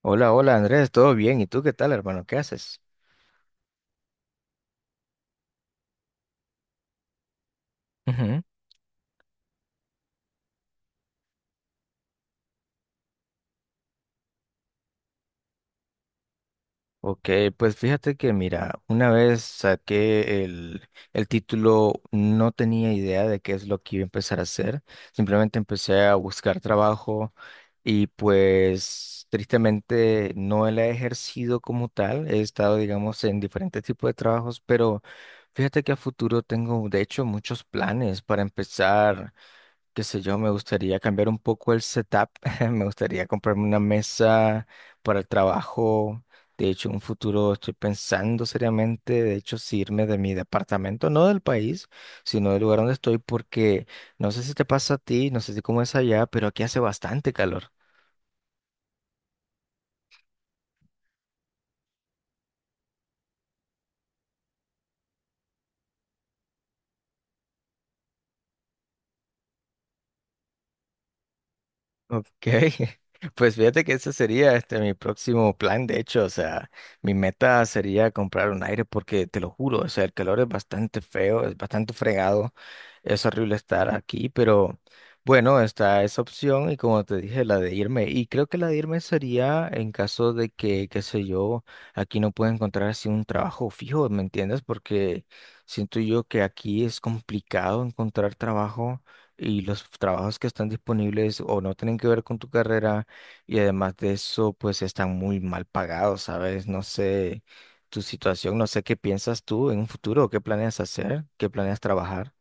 Hola, hola Andrés, ¿todo bien? ¿Y tú qué tal, hermano? ¿Qué haces? Ujú. Ok, pues fíjate que mira, una vez saqué el título, no tenía idea de qué es lo que iba a empezar a hacer, simplemente empecé a buscar trabajo y pues tristemente no la he ejercido como tal, he estado digamos en diferentes tipos de trabajos, pero fíjate que a futuro tengo de hecho muchos planes para empezar. Qué sé yo, me gustaría cambiar un poco el setup, me gustaría comprarme una mesa para el trabajo. De hecho, en un futuro estoy pensando seriamente, de hecho, si irme de mi departamento, no del país, sino del lugar donde estoy, porque no sé si te pasa a ti, no sé si cómo es allá, pero aquí hace bastante calor. Ok, pues fíjate que ese sería este mi próximo plan, de hecho, o sea, mi meta sería comprar un aire porque te lo juro, o sea, el calor es bastante feo, es bastante fregado, es horrible estar aquí, pero bueno, está esa opción y como te dije, la de irme, y creo que la de irme sería en caso de que, qué sé yo, aquí no pueda encontrar así un trabajo fijo, ¿me entiendes? Porque siento yo que aquí es complicado encontrar trabajo y los trabajos que están disponibles o no tienen que ver con tu carrera y además de eso, pues están muy mal pagados, ¿sabes? No sé tu situación, no sé qué piensas tú en un futuro, qué planeas hacer, qué planeas trabajar.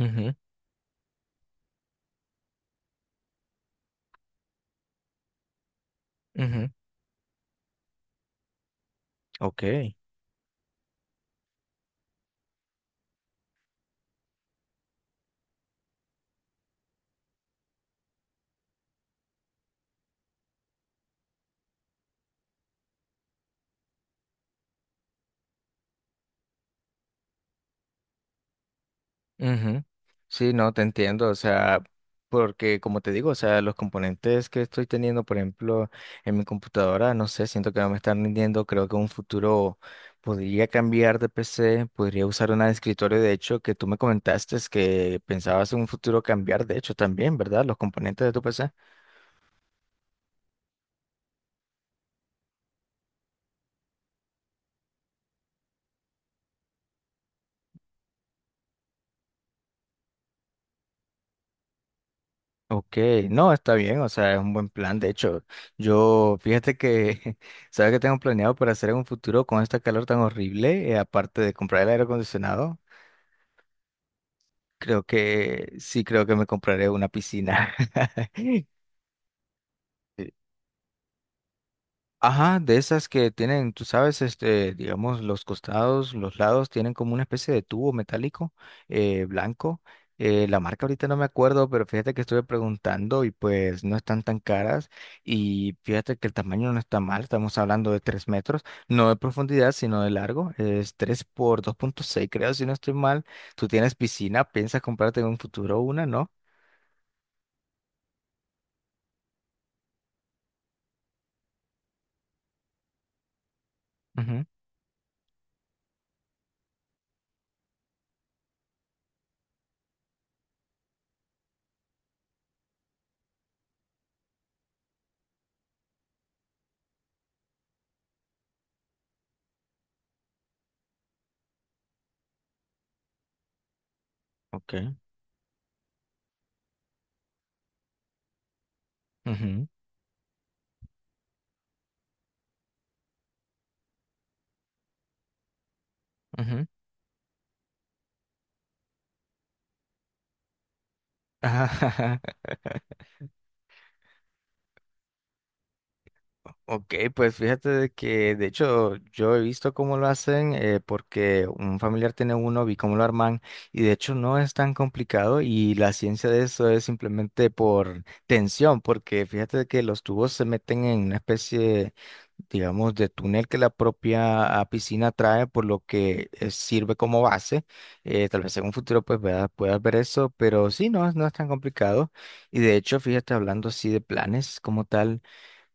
Ujú, ujú, ok. Ujú. Sí, no, te entiendo, o sea, porque como te digo, o sea, los componentes que estoy teniendo, por ejemplo, en mi computadora, no sé, siento que no me están rindiendo, creo que en un futuro podría cambiar de PC, podría usar una de escritorio, de hecho, que tú me comentaste es que pensabas en un futuro cambiar, de hecho, también, ¿verdad? Los componentes de tu PC. Ok, no, está bien, o sea, es un buen plan, de hecho, yo, fíjate que, ¿sabes qué tengo planeado para hacer en un futuro con esta calor tan horrible? Aparte de comprar el aire acondicionado, creo que sí, creo que me compraré una piscina. Sí. Ajá, de esas que tienen, tú sabes, este, digamos, los costados, los lados tienen como una especie de tubo metálico blanco. La marca ahorita no me acuerdo, pero fíjate que estuve preguntando y pues no están tan caras y fíjate que el tamaño no está mal, estamos hablando de 3 metros, no de profundidad, sino de largo, es 3 por dos punto seis, creo, si no estoy mal. Tú tienes piscina, piensas comprarte en un futuro una, ¿no? Ujú, ok. Ujú, ujú. Ajá, ajá. Ok, pues fíjate de que de hecho yo he visto cómo lo hacen porque un familiar tiene uno, vi cómo lo arman y de hecho no es tan complicado y la ciencia de eso es simplemente por tensión, porque fíjate de que los tubos se meten en una especie digamos, de túnel que la propia piscina trae, por lo que sirve como base. Tal vez en un futuro pues puedas ver eso, pero sí, no, no es tan complicado. Y de hecho, fíjate, hablando así de planes como tal,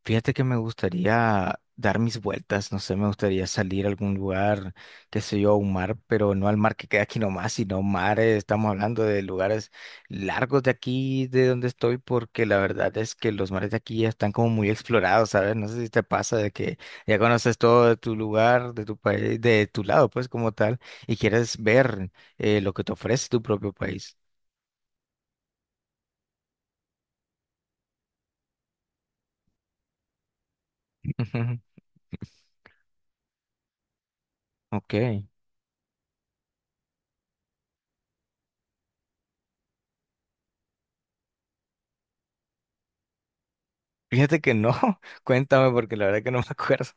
fíjate que me gustaría dar mis vueltas, no sé, me gustaría salir a algún lugar, qué sé yo, a un mar, pero no al mar que queda aquí nomás, sino mares, estamos hablando de lugares largos de aquí, de donde estoy, porque la verdad es que los mares de aquí ya están como muy explorados, ¿sabes? No sé si te pasa de que ya conoces todo de tu lugar, de tu país, de tu lado, pues como tal, y quieres ver lo que te ofrece tu propio país. Ok. Fíjate que no, cuéntame porque la verdad que no me acuerdo.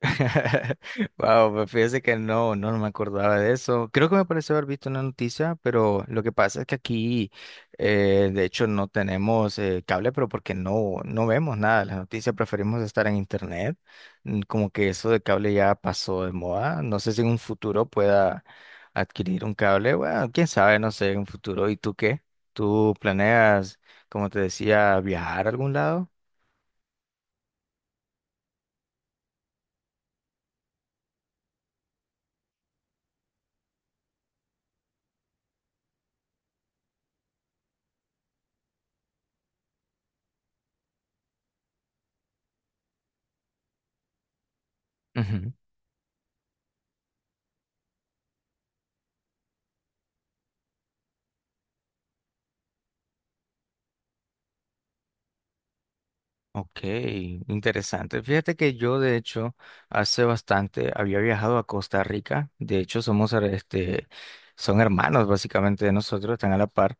Wow, pues fíjese que no, no, no me acordaba de eso. Creo que me pareció haber visto una noticia, pero lo que pasa es que aquí, de hecho, no tenemos cable, pero porque no, no vemos nada de las noticias, preferimos estar en internet. Mm, como que eso de cable ya pasó de moda. No sé si en un futuro pueda adquirir un cable. Bueno, quién sabe, no sé, en un futuro. ¿Y tú qué? ¿Tú planeas, como te decía, viajar a algún lado? Ok, interesante. Fíjate que yo, de hecho, hace bastante había viajado a Costa Rica. De hecho, somos, este, son hermanos básicamente de nosotros, están a la par.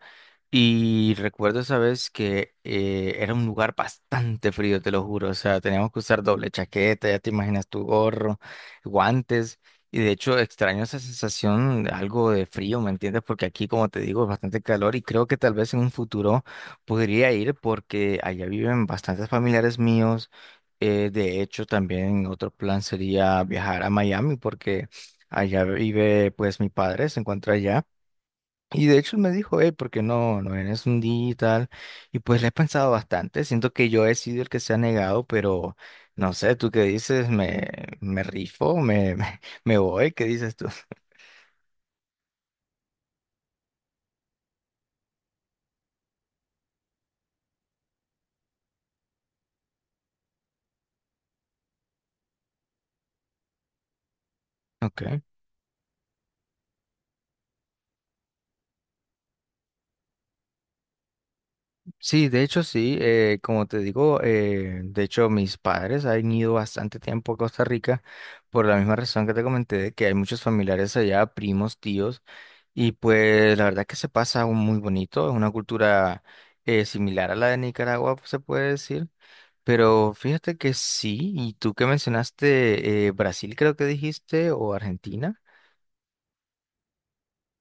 Y recuerdo esa vez que era un lugar bastante frío, te lo juro. O sea, teníamos que usar doble chaqueta, ya te imaginas tu gorro, guantes. Y de hecho extraño esa sensación, de algo de frío, ¿me entiendes? Porque aquí, como te digo, es bastante calor y creo que tal vez en un futuro podría ir porque allá viven bastantes familiares míos. De hecho, también otro plan sería viajar a Miami porque allá vive pues mi padre, se encuentra allá. Y de hecho me dijo, porque no, no eres un digital. Y pues le he pensado bastante. Siento que yo he sido el que se ha negado, pero no sé, tú qué dices, me rifo, me, me voy, ¿qué dices tú? Okay. Sí, de hecho sí, como te digo, de hecho mis padres han ido bastante tiempo a Costa Rica por la misma razón que te comenté, de que hay muchos familiares allá, primos, tíos. Y pues la verdad que se pasa un muy bonito, es una cultura similar a la de Nicaragua, se puede decir. Pero fíjate que sí, y tú que mencionaste Brasil, creo que dijiste, o Argentina,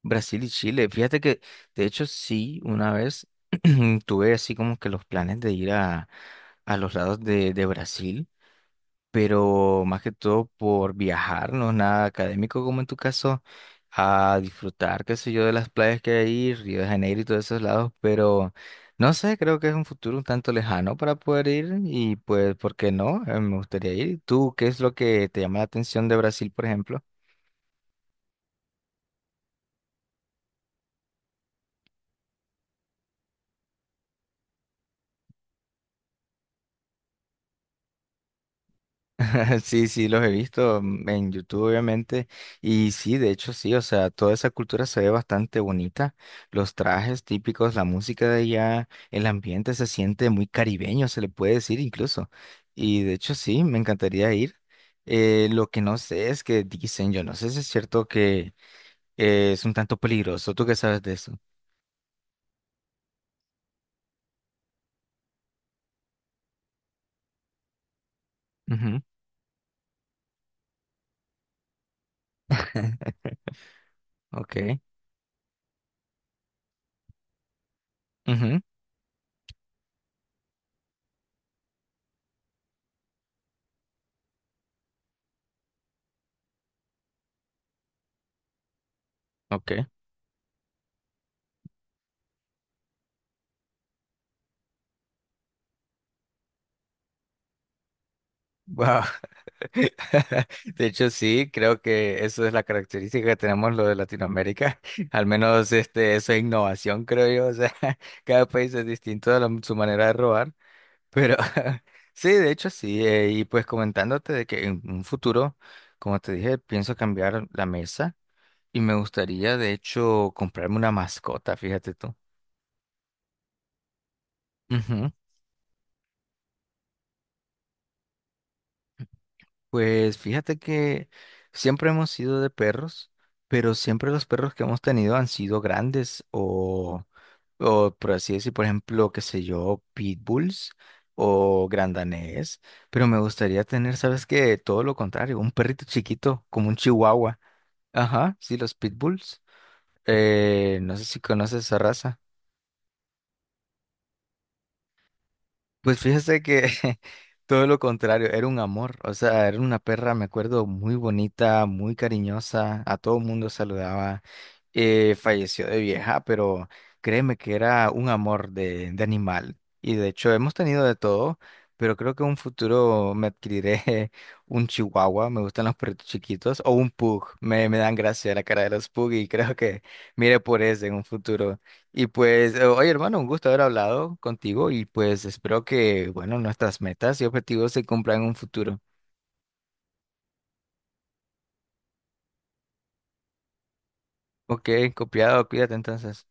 Brasil y Chile. Fíjate que, de hecho, sí, una vez tuve así como que los planes de ir a los lados de Brasil pero más que todo por viajar, no es nada académico como en tu caso, a disfrutar, qué sé yo, de las playas que hay ahí, Río de Janeiro y todos esos lados, pero no sé, creo que es un futuro un tanto lejano para poder ir y pues, ¿por qué no? Me gustaría ir. ¿Tú qué es lo que te llama la atención de Brasil, por ejemplo? Sí, sí, los he visto mm, en YouTube, obviamente. Y sí, de hecho, sí, o sea, toda esa cultura se ve bastante bonita. Los trajes típicos, la música de allá, el ambiente se siente muy caribeño, se le puede decir incluso. Y de hecho, sí, me encantaría ir. Lo que no sé es que dicen, yo no sé si es cierto que es un tanto peligroso. ¿Tú qué sabes de eso? Ujú, ok. Ujú, ok. Wow. De hecho, sí, creo que eso es la característica que tenemos lo de Latinoamérica. Al menos este, eso es innovación, creo yo. O sea, cada país es distinto de su manera de robar. Pero sí, de hecho, sí. Y pues comentándote de que en un futuro, como te dije, pienso cambiar la mesa y me gustaría, de hecho, comprarme una mascota, fíjate tú. Pues fíjate que siempre hemos sido de perros, pero siempre los perros que hemos tenido han sido grandes o por así decir, por ejemplo, qué sé yo, pitbulls o grandanés, pero me gustaría tener, ¿sabes qué? Todo lo contrario, un perrito chiquito como un chihuahua. Ajá, sí, los pitbulls. No sé si conoces esa raza. Pues fíjese que todo lo contrario, era un amor, o sea, era una perra, me acuerdo, muy bonita, muy cariñosa, a todo mundo saludaba, falleció de vieja, pero créeme que era un amor de animal. Y de hecho hemos tenido de todo, pero creo que en un futuro me adquiriré un chihuahua, me gustan los perritos chiquitos, o un pug, me dan gracia la cara de los pug y creo que mire por ese en un futuro. Y pues, oye hermano, un gusto haber hablado contigo y pues espero que, bueno, nuestras metas y objetivos se cumplan en un futuro. Ok, copiado, cuídate entonces.